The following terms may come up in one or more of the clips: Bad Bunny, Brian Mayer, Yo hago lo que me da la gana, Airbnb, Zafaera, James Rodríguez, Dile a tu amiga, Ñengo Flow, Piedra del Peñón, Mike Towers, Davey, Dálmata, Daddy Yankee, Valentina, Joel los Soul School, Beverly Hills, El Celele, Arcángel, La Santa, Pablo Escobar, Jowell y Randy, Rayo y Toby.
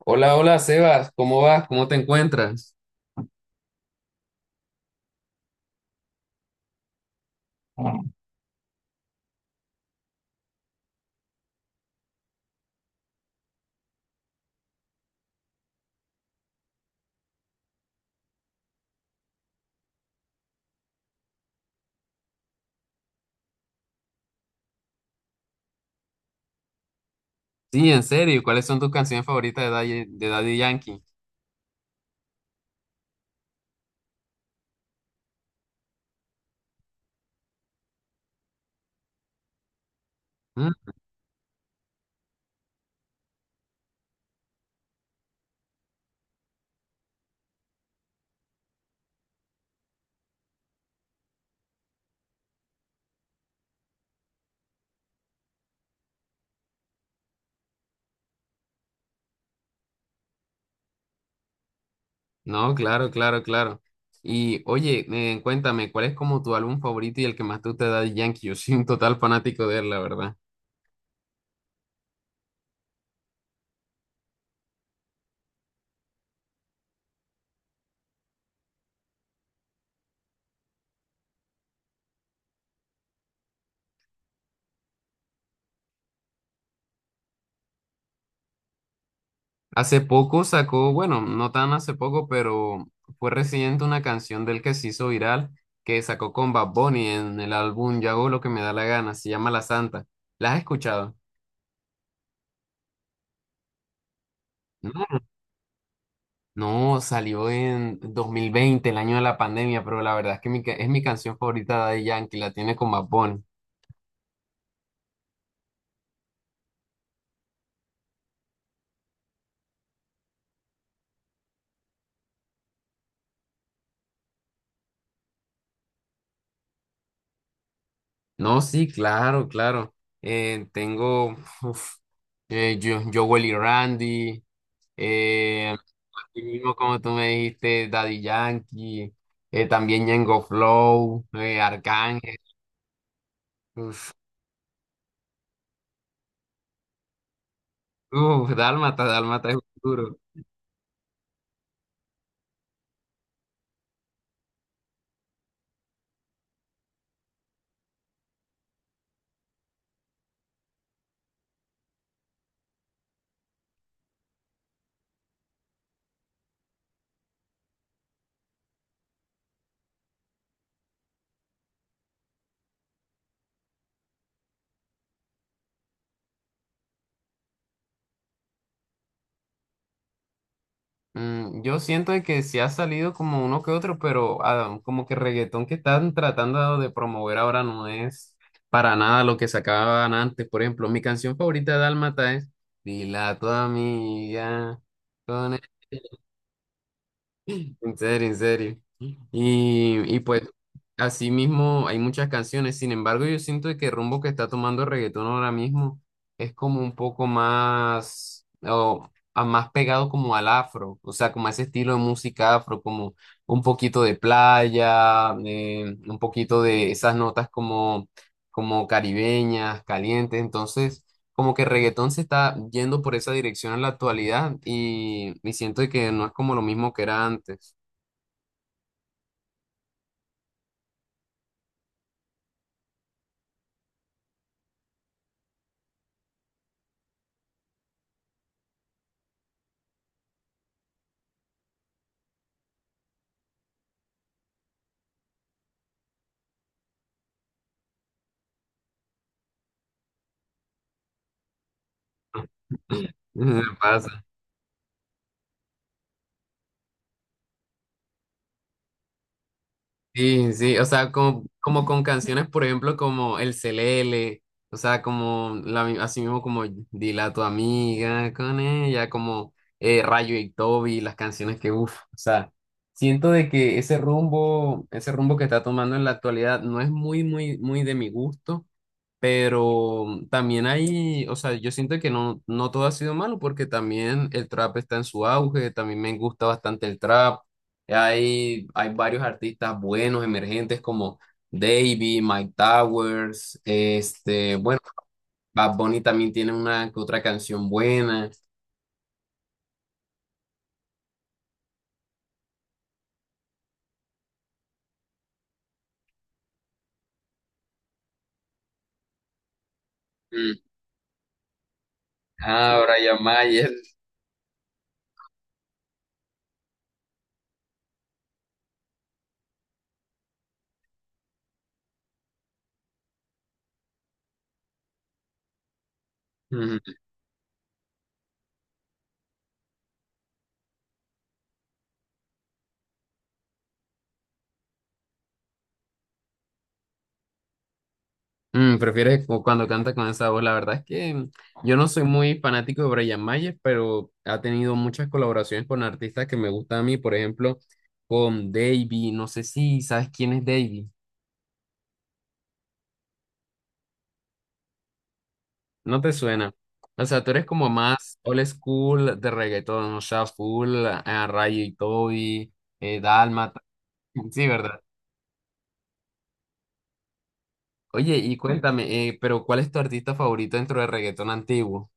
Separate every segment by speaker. Speaker 1: Hola, hola Sebas, ¿cómo vas? ¿Cómo te encuentras? Sí, en serio, ¿cuáles son tus canciones favoritas de Daddy Yankee? ¿Mm? No, claro, claro, claro. Y oye, cuéntame, ¿cuál es como tu álbum favorito y el que más te gusta de Daddy Yankee? Yo soy un total fanático de él, la verdad. Hace poco sacó, bueno, no tan hace poco, pero fue reciente una canción del que se hizo viral, que sacó con Bad Bunny en el álbum Yo hago lo que me da la gana, se llama La Santa. ¿La has escuchado? No. No, salió en 2020, el año de la pandemia, pero la verdad es que es mi canción favorita de Daddy Yankee, la tiene con Bad Bunny. No, sí, claro, claro. Tengo uf, yo, Jowell y Randy, eh, así mismo como tú me dijiste, Daddy Yankee, también Ñengo Flow, Arcángel, uf, uf, Dálmata, Dálmata es un duro. Mm, yo siento de que sí ha salido como uno que otro, pero como que reggaetón que están tratando de promover ahora no es para nada lo que sacaban antes. Por ejemplo, mi canción favorita de Dálmata es Dila a tu amiga, con en serio, en serio. Y pues, así mismo hay muchas canciones. Sin embargo, yo siento que el rumbo que está tomando el reggaetón ahora mismo es como un poco más, o, más pegado como al afro, o sea, como a ese estilo de música afro, como un poquito de playa, un poquito de esas notas como, como caribeñas, calientes. Entonces, como que el reggaetón se está yendo por esa dirección en la actualidad y siento que no es como lo mismo que era antes. Me pasa. Sí, sí, o sea, como, como con canciones, por ejemplo, como El Celele, o sea, como la, así mismo como Dile a tu amiga con ella, como Rayo y Toby, las canciones que, uff, o sea, siento de que ese rumbo que está tomando en la actualidad no es muy, muy, muy de mi gusto. Pero mm, también hay, o sea, yo siento que no, no todo ha sido malo porque también el trap está en su auge, también me gusta bastante el trap. Hay varios artistas buenos, emergentes como Davey, Mike Towers, este, bueno, Bad Bunny también tiene una que otra canción buena. Mm. Ah, Brian Mayer. Mm, prefieres cuando canta con esa voz. La verdad es que mm, yo no soy muy fanático de Brian Mayer, pero ha tenido muchas colaboraciones con artistas que me gustan a mí, por ejemplo, con Davey. No sé si sabes quién es Davey. No te suena. O sea, tú eres como más old school de reggaetón, o sea, full a Rayo y Toby, Dálmata. Sí, ¿verdad? Oye, y cuéntame, pero ¿cuál es tu artista favorito dentro del reggaetón antiguo?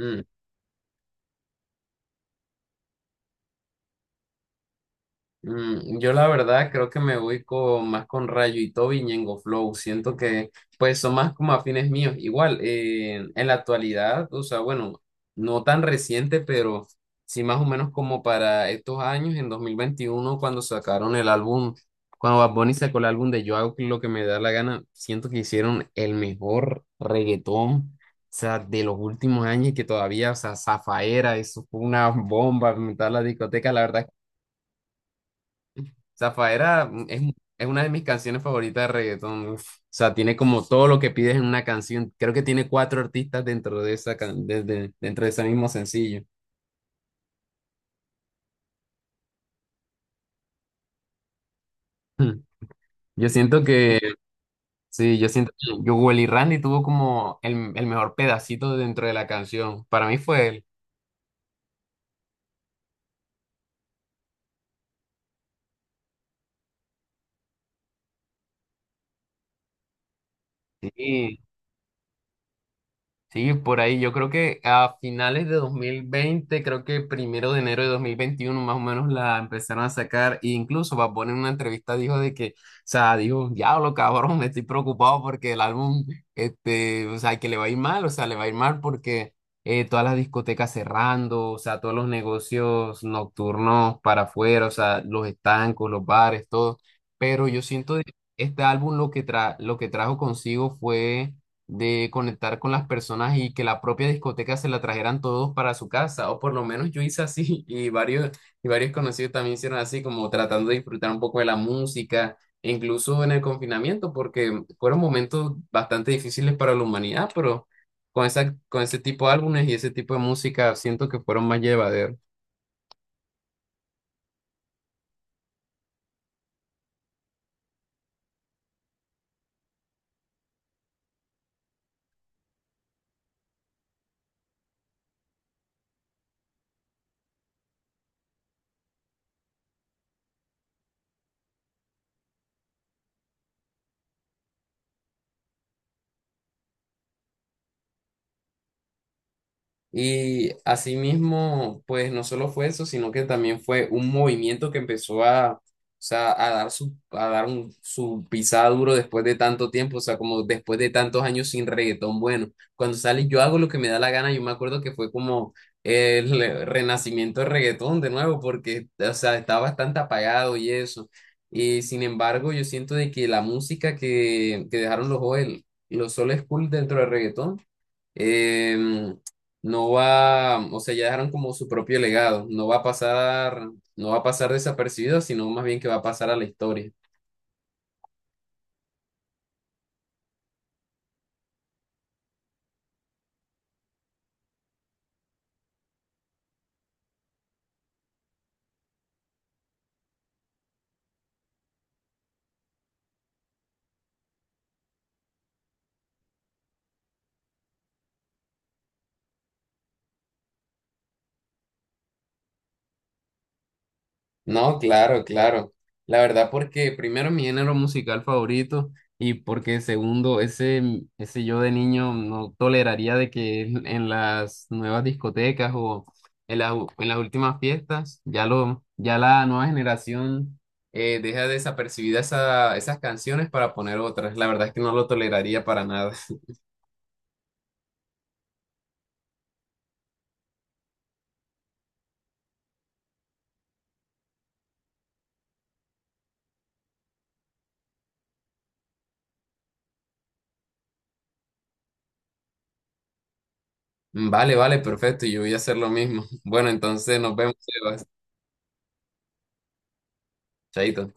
Speaker 1: Mm. Mm, yo la verdad creo que me voy con, más con Rayo y Toby y Ñengo Flow. Siento que pues son más como afines míos. Igual, en la actualidad, o sea, bueno, no tan reciente, pero sí más o menos como para estos años, en 2021 cuando sacaron el álbum, cuando Bad Bunny sacó el álbum de Yo hago lo que me da la gana, siento que hicieron el mejor reggaetón. O sea, de los últimos años y que todavía, o sea, Zafaera, eso fue una bomba, meter la discoteca, la verdad Zafaera mm, es una de mis canciones favoritas de reggaetón. Uf. O sea, tiene como todo lo que pides en una canción. Creo que tiene cuatro artistas dentro de esa dentro de ese mismo sencillo. Hmm. Yo siento que, sí, yo siento que Jowell y Randy tuvo como el mejor pedacito dentro de la canción. Para mí fue él. Sí. Sí, por ahí. Yo creo que a finales de 2020, creo que primero de enero de 2021, más o menos la empezaron a sacar. E incluso Bad Bunny en una entrevista dijo de que, o sea, dijo, diablo, cabrón, me estoy preocupado porque el álbum, este, o sea, que le va a ir mal, o sea, le va a ir mal porque todas las discotecas cerrando, o sea, todos los negocios nocturnos para afuera, o sea, los estancos, los bares, todo. Pero yo siento de que este álbum lo que trajo consigo fue de conectar con las personas y que la propia discoteca se la trajeran todos para su casa, o por lo menos yo hice así y varios conocidos también hicieron así, como tratando de disfrutar un poco de la música, e incluso en el confinamiento, porque fueron momentos bastante difíciles para la humanidad, pero con esa, con ese tipo de álbumes y ese tipo de música siento que fueron más llevaderos. Y asimismo, pues no solo fue eso, sino que también fue un movimiento que empezó o sea, a dar su, a dar su pisada duro después de tanto tiempo, o sea, como después de tantos años sin reggaetón bueno. Cuando sale Yo hago lo que me da la gana, yo me acuerdo que fue como el renacimiento del reggaetón de nuevo, porque, o sea, está bastante apagado y eso. Y sin embargo, yo siento de que la música que dejaron los Joel los Soul School dentro del reggaetón, em, no va, o sea, ya dejaron como su propio legado, no va a pasar, no va a pasar desapercibido, sino más bien que va a pasar a la historia. No, claro, claro. La verdad porque primero mi género musical favorito y porque segundo, ese yo de niño no toleraría de que en las nuevas discotecas o en las, en las últimas fiestas ya la nueva generación deja desapercibida esas canciones para poner otras. La verdad es que no lo toleraría para nada. Mm, vale, vale, perfecto. Yo voy a hacer lo mismo. Bueno, entonces nos vemos, Sebas. Chaito.